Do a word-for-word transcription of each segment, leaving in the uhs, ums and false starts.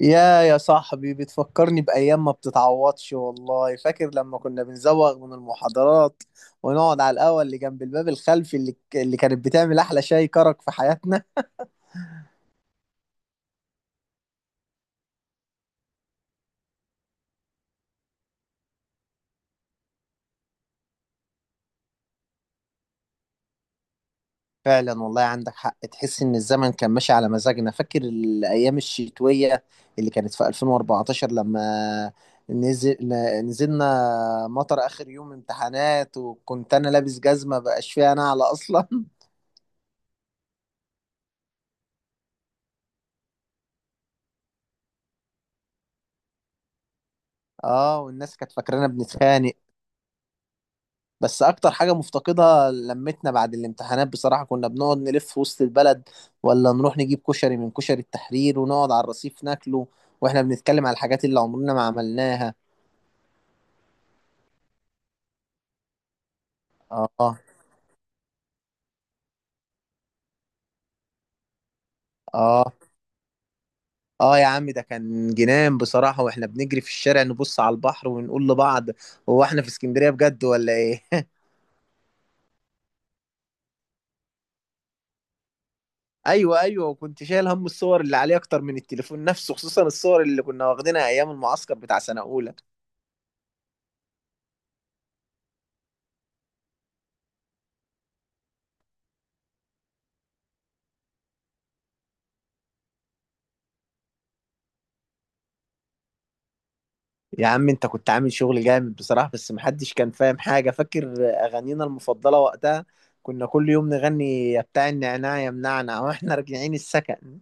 يا يا صاحبي، بتفكرني بأيام ما بتتعوضش. والله فاكر لما كنا بنزوغ من المحاضرات ونقعد على القهوة اللي جنب الباب الخلفي، اللي اللي كانت بتعمل أحلى شاي كرك في حياتنا. فعلا، والله عندك حق، تحس إن الزمن كان ماشي على مزاجنا. فاكر الأيام الشتوية اللي كانت في ألفين وأربعة عشر لما نزل ن- نزلنا مطر آخر يوم امتحانات، وكنت أنا لابس جزمة بقاش فيها نعلة أصلا اه، والناس كانت فاكرانا بنتخانق. بس اكتر حاجة مفتقدها لمتنا بعد الامتحانات، بصراحة كنا بنقعد نلف في وسط البلد، ولا نروح نجيب كشري من كشري التحرير ونقعد على الرصيف ناكله واحنا بنتكلم على الحاجات اللي عمرنا ما عملناها. اه، اه، اه يا عم، ده كان جنان بصراحة، واحنا بنجري في الشارع نبص على البحر ونقول لبعض: هو احنا في اسكندرية بجد ولا ايه؟ ايوه، ايوه، وكنت شايل هم الصور اللي عليه اكتر من التليفون نفسه، خصوصا الصور اللي كنا واخدينها ايام المعسكر بتاع سنة اولى. يا عم انت كنت عامل شغل جامد بصراحة، بس محدش كان فاهم حاجة. فاكر أغانينا المفضلة وقتها؟ كنا كل يوم نغني يا بتاع النعناع يا منعنع واحنا راجعين السكن.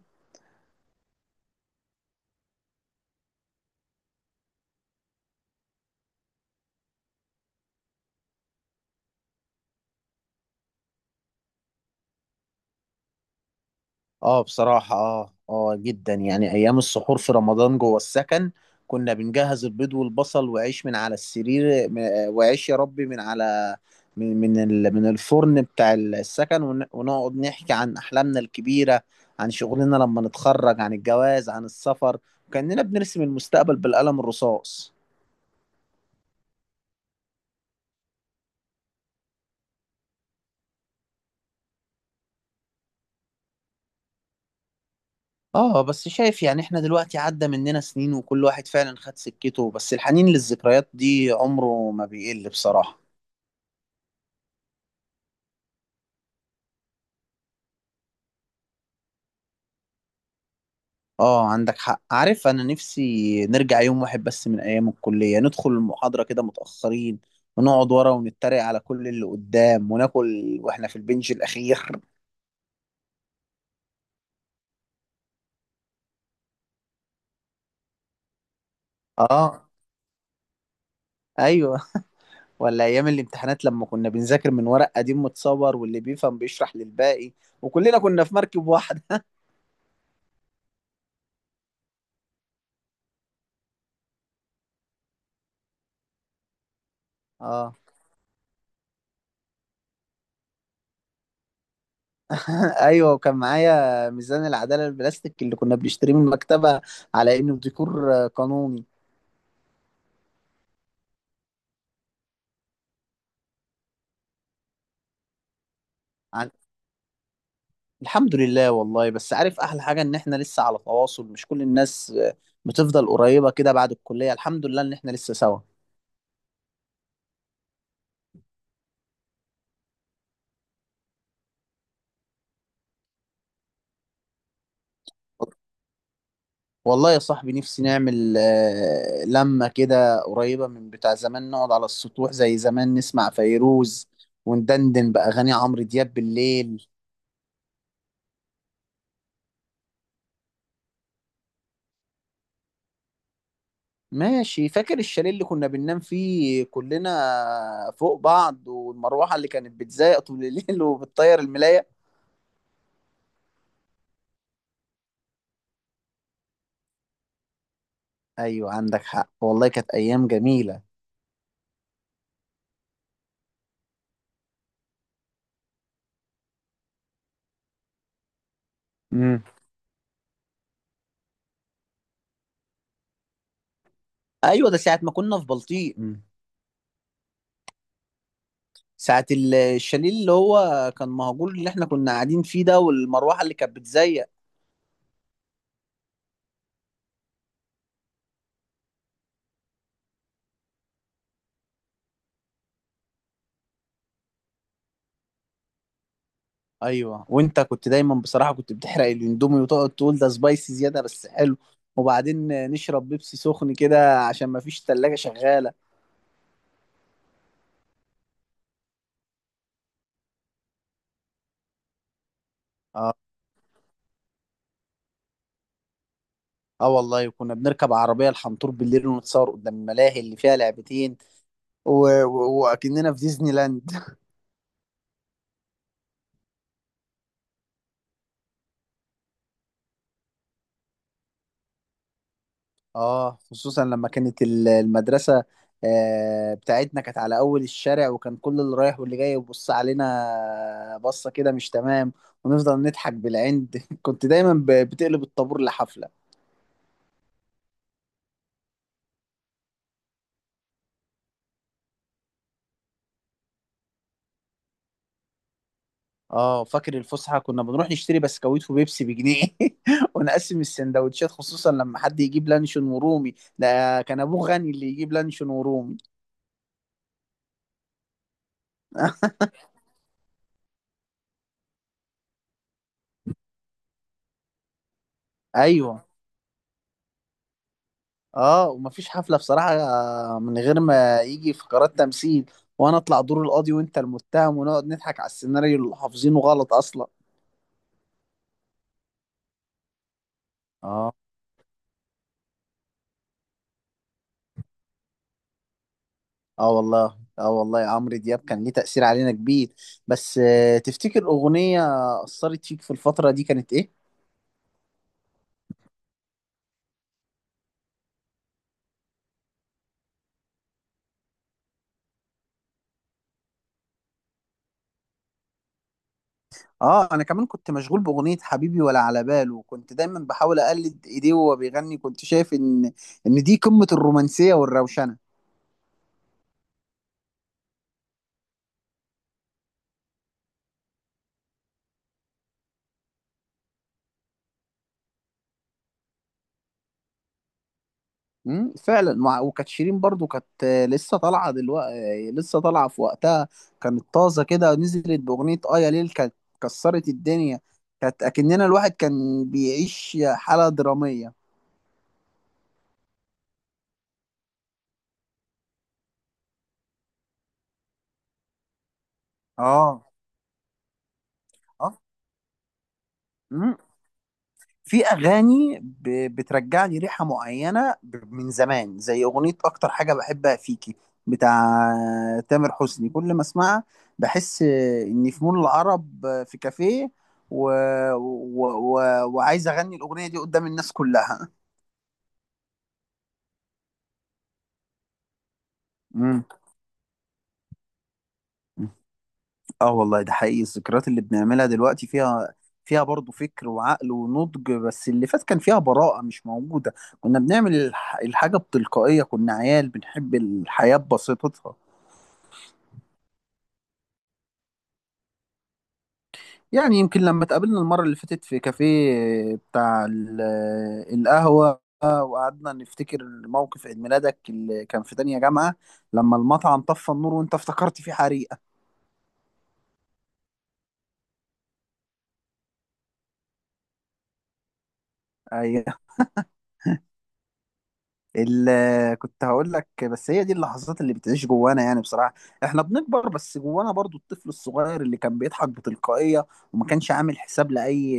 اه بصراحة، اه، اه جدا. يعني ايام السحور في رمضان جوه السكن كنا بنجهز البيض والبصل وعيش من على السرير، م- وعيش يا ربي من على من من ال- من الفرن بتاع السكن، ون- ونقعد نحكي عن احلامنا الكبيرة، عن شغلنا لما نتخرج، عن الجواز، عن السفر. كأننا بنرسم المستقبل بالقلم الرصاص. اه، بس شايف يعني احنا دلوقتي عدى مننا سنين، وكل واحد فعلا خد سكته، بس الحنين للذكريات دي عمره ما بيقل بصراحة. اه، عندك حق. عارف، انا نفسي نرجع يوم واحد بس من ايام الكلية، ندخل المحاضرة كده متأخرين، ونقعد ورا ونتريق على كل اللي قدام، وناكل واحنا في البنج الاخير. اه، ايوه، ولا ايام الامتحانات لما كنا بنذاكر من ورق قديم متصور، واللي بيفهم بيشرح للباقي، وكلنا كنا في مركب واحدة. اه ايوه، وكان معايا ميزان العدالة البلاستيك اللي كنا بنشتريه من المكتبة على انه ديكور قانوني. الحمد لله والله. بس عارف احلى حاجه ان احنا لسه على تواصل؟ مش كل الناس آه، بتفضل قريبه كده بعد الكليه. الحمد لله ان احنا لسه سوا. والله يا صاحبي، نفسي نعمل آه، لمة كده قريبة من بتاع زمان، نقعد على السطوح زي زمان، نسمع فيروز وندندن بأغاني عمرو دياب بالليل. ماشي. فاكر الشاليه اللي كنا بننام فيه كلنا فوق بعض، والمروحة اللي كانت بتزايق طول الليل وبتطير الملاية؟ أيوة عندك حق، والله كانت أيام جميلة. ايوه، ده ساعه ما كنا في بلطيق، ساعه ال- الشاليه اللي هو كان مهجور اللي احنا كنا قاعدين فيه ده، والمروحه اللي كانت بتزيق. ايوه، وانت كنت دايما بصراحه كنت بتحرق الاندومي، وتقعد تقول ده سبايسي زياده بس حلو، وبعدين نشرب بيبسي سخن كده عشان ما فيش تلاجة شغاله. اه، اه والله كنا بنركب عربيه الحنطور بالليل ونتصور قدام الملاهي اللي فيها لعبتين، و... و... واكننا في ديزني لاند. اه، خصوصا لما كانت ال- المدرسة آه، بتاعتنا كانت على أول الشارع، وكان كل اللي رايح واللي جاي يبص علينا بصة كده مش تمام، ونفضل نضحك بالعند كنت دايما ب- بتقلب الطابور لحفلة. اه، فاكر الفسحة كنا بنروح نشتري بسكويت وبيبسي بجنيه ونقسم السندوتشات، خصوصا لما حد يجيب لانشون ورومي، ده كان أبوه غني اللي يجيب لانشون ورومي. أيوه، اه، ومفيش حفلة بصراحة من غير ما يجي فقرات تمثيل، وانا اطلع دور القاضي وانت المتهم، ونقعد نضحك على السيناريو اللي حافظينه غلط اصلا. اه، اه والله، اه والله، عمرو دياب كان ليه تأثير علينا كبير. بس آه، تفتكر أغنية أثرت فيك في الفترة دي كانت ايه؟ اه، انا كمان كنت مشغول بأغنية حبيبي ولا على باله، وكنت دايما بحاول اقلد ايديه وهو بيغني، كنت شايف ان ان دي قمة الرومانسية والروشنة. امم فعلا. وع- وكانت شيرين برضو كانت آه، لسه طالعه دلوقتي، لسه طالعه في وقتها، كانت طازه كده. نزلت باغنيه اه يا ليل، كانت كسرت الدنيا. كانت اكننا الواحد كان بيعيش حاله دراميه. اه، اه، في اغاني ب- بترجع لي ريحه معينه ب- من زمان، زي اغنيه اكتر حاجه بحبها فيكي بتاع تامر حسني. كل ما اسمعها بحس اني في مول العرب، في كافيه، و... و... و... وعايز اغني الاغنيه دي قدام الناس كلها. مم. اه والله، ده حقيقي. الذكريات اللي بنعملها دلوقتي فيها فيها برضه فكر وعقل ونضج، بس اللي فات كان فيها براءة مش موجودة. كنا بنعمل الح- الحاجة بتلقائية، كنا عيال بنحب الحياة ببساطتها. يعني يمكن لما اتقابلنا المرة اللي فاتت في كافيه بتاع ال- القهوة، وقعدنا نفتكر موقف عيد ميلادك اللي كان في تانية جامعة، لما المطعم طفى النور وانت افتكرت فيه حريقة. ايوه، ال- كنت هقول لك، بس هي دي اللحظات اللي بتعيش جوانا، يعني بصراحة احنا بنكبر، بس جوانا برضو الطفل الصغير اللي كان بيضحك بتلقائية وما كانش عامل حساب لأي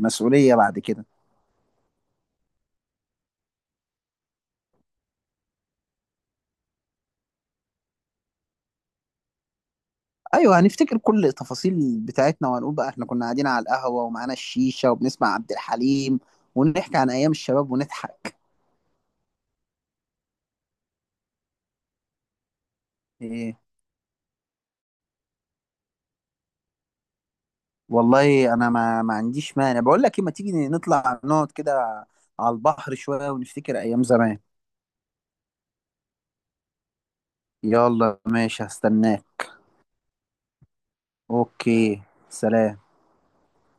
مسؤولية بعد كده. ايوه، هنفتكر كل التفاصيل بتاعتنا، وهنقول بقى احنا كنا قاعدين على القهوه ومعانا الشيشه، وبنسمع عبد الحليم، ونحكي عن ايام الشباب ونضحك. ايه، والله انا ما ما عنديش مانع. بقول لك ايه، ما تيجي نطلع نقعد كده على البحر شويه ونفتكر ايام زمان؟ يلا ماشي، هستناك. اوكي. سلام.